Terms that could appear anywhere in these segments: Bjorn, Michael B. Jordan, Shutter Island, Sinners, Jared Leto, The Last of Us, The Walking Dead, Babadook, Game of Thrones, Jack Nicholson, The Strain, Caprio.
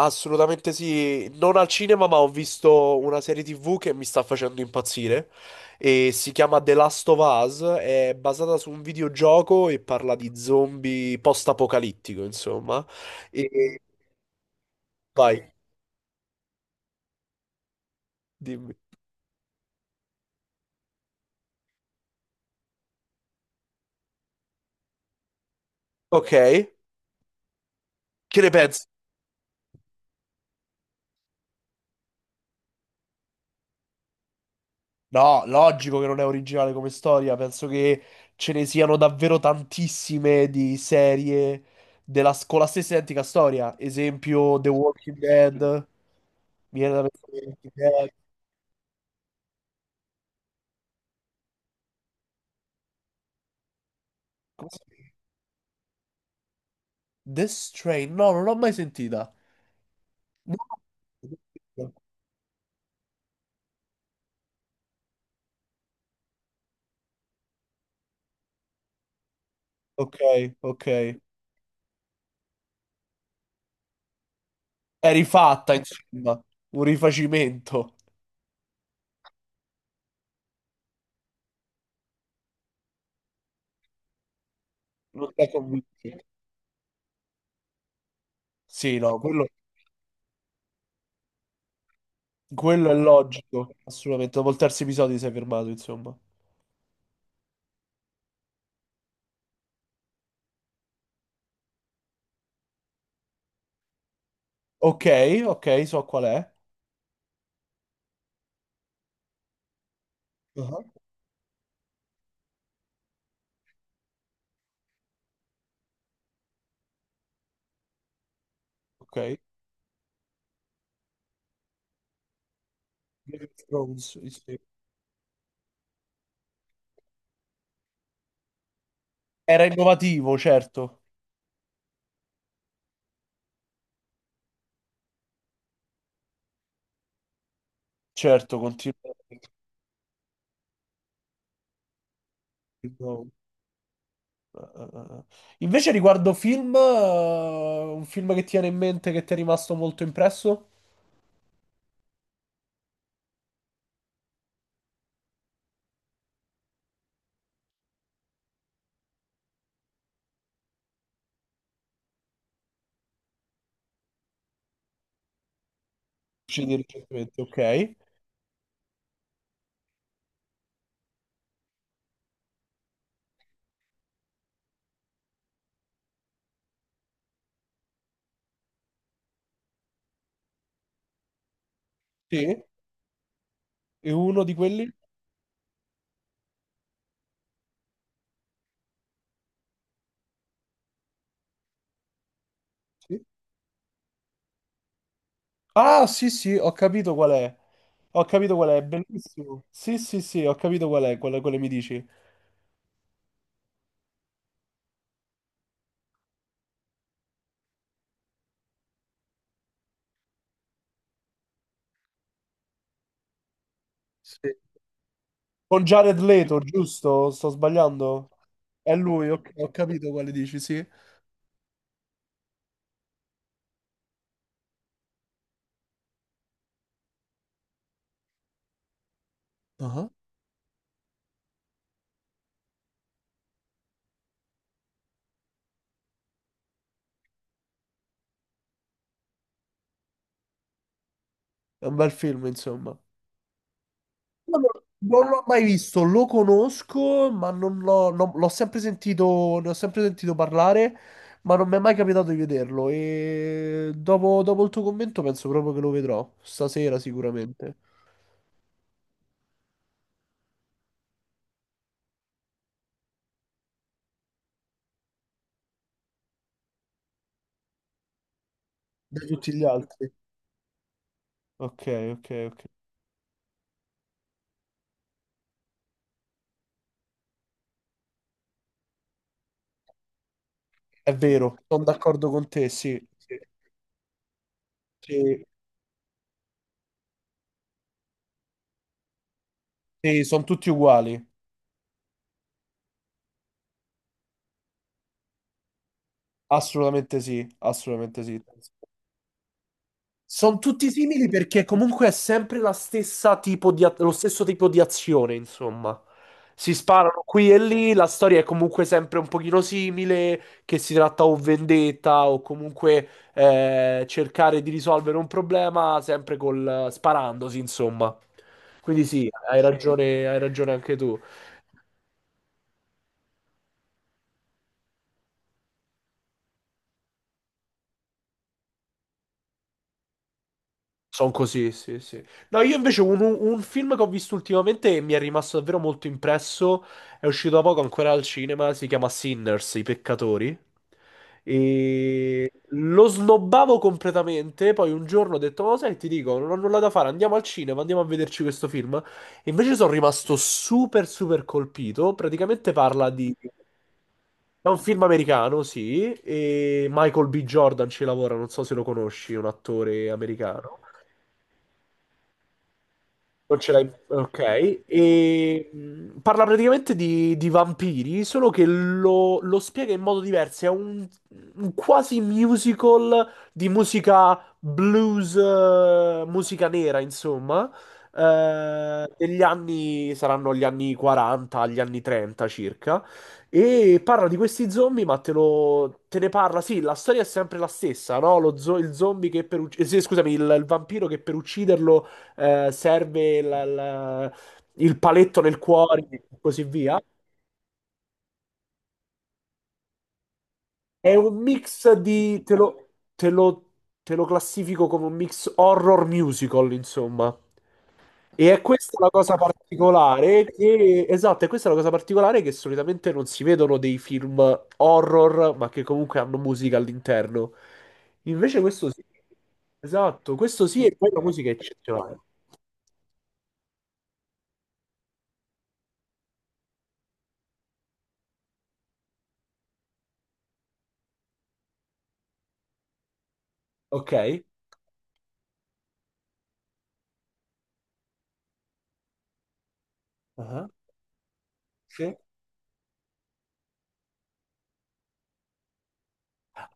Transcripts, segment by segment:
Assolutamente sì, non al cinema, ma ho visto una serie TV che mi sta facendo impazzire e si chiama The Last of Us, è basata su un videogioco e parla di zombie post-apocalittico, insomma. E vai, dimmi. Ok, che ne pensi? No, logico che non è originale come storia, penso che ce ne siano davvero tantissime di serie con la stessa identica storia. Esempio, The Walking Dead, mi viene da pensare The Walking Dead. Come si chiama? The Strain, no, non l'ho mai sentita. No. Ok, ok. È rifatta, insomma, un rifacimento. Non ti ha convinto. Sì, no, quello è logico, assolutamente. Dopo il terzo episodio si è fermato, insomma. Ok, ok, so qual è. Ah, ok. Game of Thrones, sì, sì. Era innovativo, certo, certo, continua. No. Eh, Invece riguardo film, un film che ti viene in mente che ti è rimasto molto impresso? Usciti recentemente. Ok, sì, è uno di quelli? Sì. Ah, sì, sì, ho capito qual è. Ho capito qual è bellissimo. Sì, sì, sì, ho capito qual è, quale, quale mi dici. Sì. Con Jared Leto, giusto? Sto sbagliando? È lui, ok, ho capito quale dici, sì. Ah. È un bel film, insomma. Io non l'ho mai visto, lo conosco, ma l'ho sempre sentito, ne ho sempre sentito parlare, ma non mi è mai capitato di vederlo. E dopo il tuo commento penso proprio che lo vedrò, stasera sicuramente, da tutti gli altri. Ok, ok, ok. È vero, sono d'accordo con te, sì. Sì, sì, sì, sono tutti uguali. Assolutamente sì, assolutamente sì. Sono tutti simili perché comunque è sempre la stessa tipo di a- lo stesso tipo di azione, insomma. Si sparano qui e lì, la storia è comunque sempre un pochino simile, che si tratta o vendetta o comunque cercare di risolvere un problema sempre col sparandosi, insomma. Quindi sì, hai ragione anche tu. Sono così, sì, sì. No, io invece un film che ho visto ultimamente e mi è rimasto davvero molto impresso, è uscito da poco ancora al cinema, si chiama Sinners, I peccatori. E lo snobbavo completamente, poi un giorno ho detto, ma sai, ti dico, non ho nulla da fare, andiamo al cinema, andiamo a vederci questo film. E invece sono rimasto super, super colpito. Praticamente parla di... È un film americano, sì, e Michael B. Jordan ci lavora, non so se lo conosci, un attore americano. Non ce l'hai. Ok. E parla praticamente di vampiri, solo che lo spiega in modo diverso. È un quasi musical di musica blues, musica nera, insomma. Degli anni saranno gli anni 40, gli anni 30 circa. E parla di questi zombie, ma te ne parla. Sì, la storia è sempre la stessa, no? Il zombie che sì, scusami, il vampiro che per ucciderlo serve il paletto nel cuore e così via. È un mix di... te lo- te lo classifico come un mix horror musical, insomma. E è questa la cosa particolare che, esatto, è questa la cosa particolare che solitamente non si vedono dei film horror, ma che comunque hanno musica all'interno. Invece questo sì, esatto, questo sì, e poi la musica è eccezionale. Ok? Ah, sì.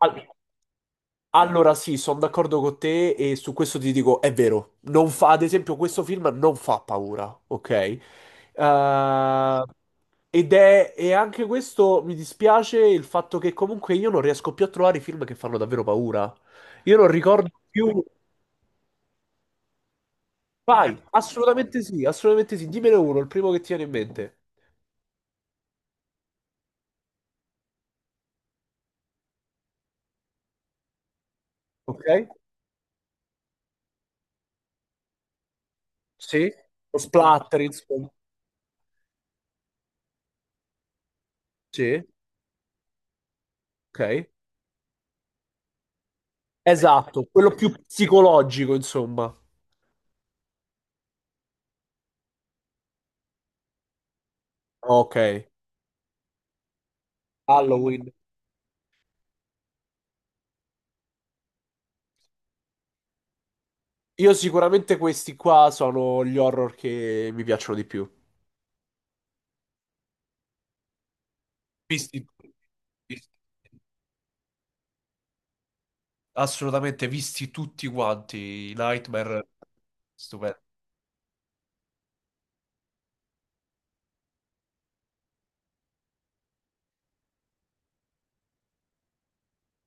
Al- Allora sì, sono d'accordo con te e su questo ti dico, è vero, non fa, ad esempio questo film non fa paura, ok? Eh, Ed è, e anche questo mi dispiace il fatto che comunque io non riesco più a trovare i film che fanno davvero paura. Io non ricordo più... Vai, assolutamente sì, dimmene uno, il primo che ti viene in mente, ok? Sì, lo splatter, insomma, sì, ok? Esatto, quello più psicologico, insomma. Ok. Halloween. Io sicuramente questi qua sono gli horror che mi piacciono di più. Visti, visti- assolutamente visti tutti quanti. Nightmare, stupendo.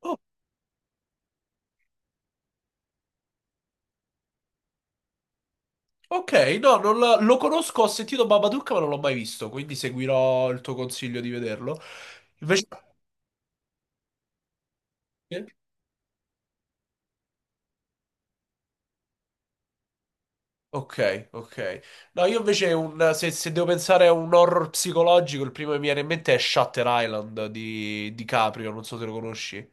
Oh, ok, no, non la- lo conosco, ho sentito Babadook, ma non l'ho mai visto, quindi seguirò il tuo consiglio di vederlo. Invece... eh? Ok, ok. No, io invece se, se devo pensare a un horror psicologico, il primo che mi viene in mente è Shutter Island di Caprio, non so se lo conosci.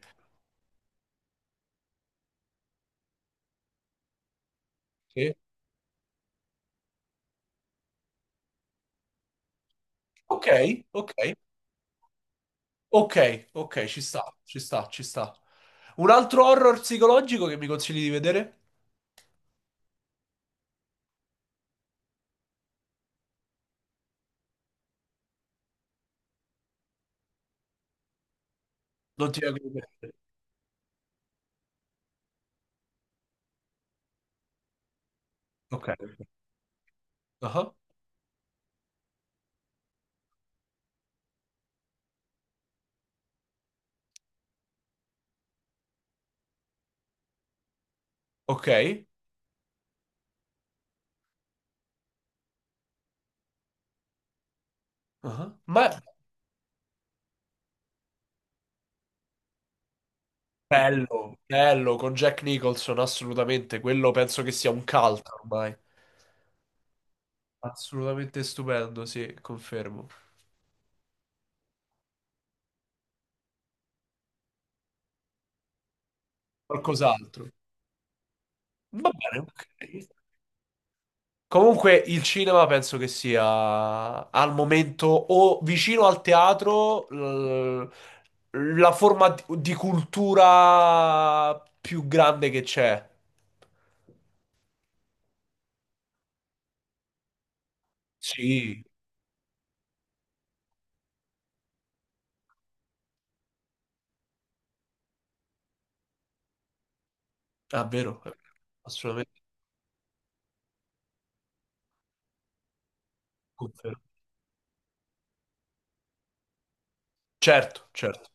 Sì. Ok, ok. Ok, ok, ci sta, ci sta, ci sta. Un altro horror psicologico che mi consigli di vedere? Non ti ok. Ah, ok. Ah. Ma è bello, bello, con Jack Nicholson, assolutamente. Quello penso che sia un cult ormai. Assolutamente stupendo, sì, confermo. Qualcos'altro. Va bene, ok. Comunque il cinema penso che sia al momento o vicino al teatro la forma di cultura più grande che c'è. Sì, è vero, assolutamente. Confermo. Certo, certo.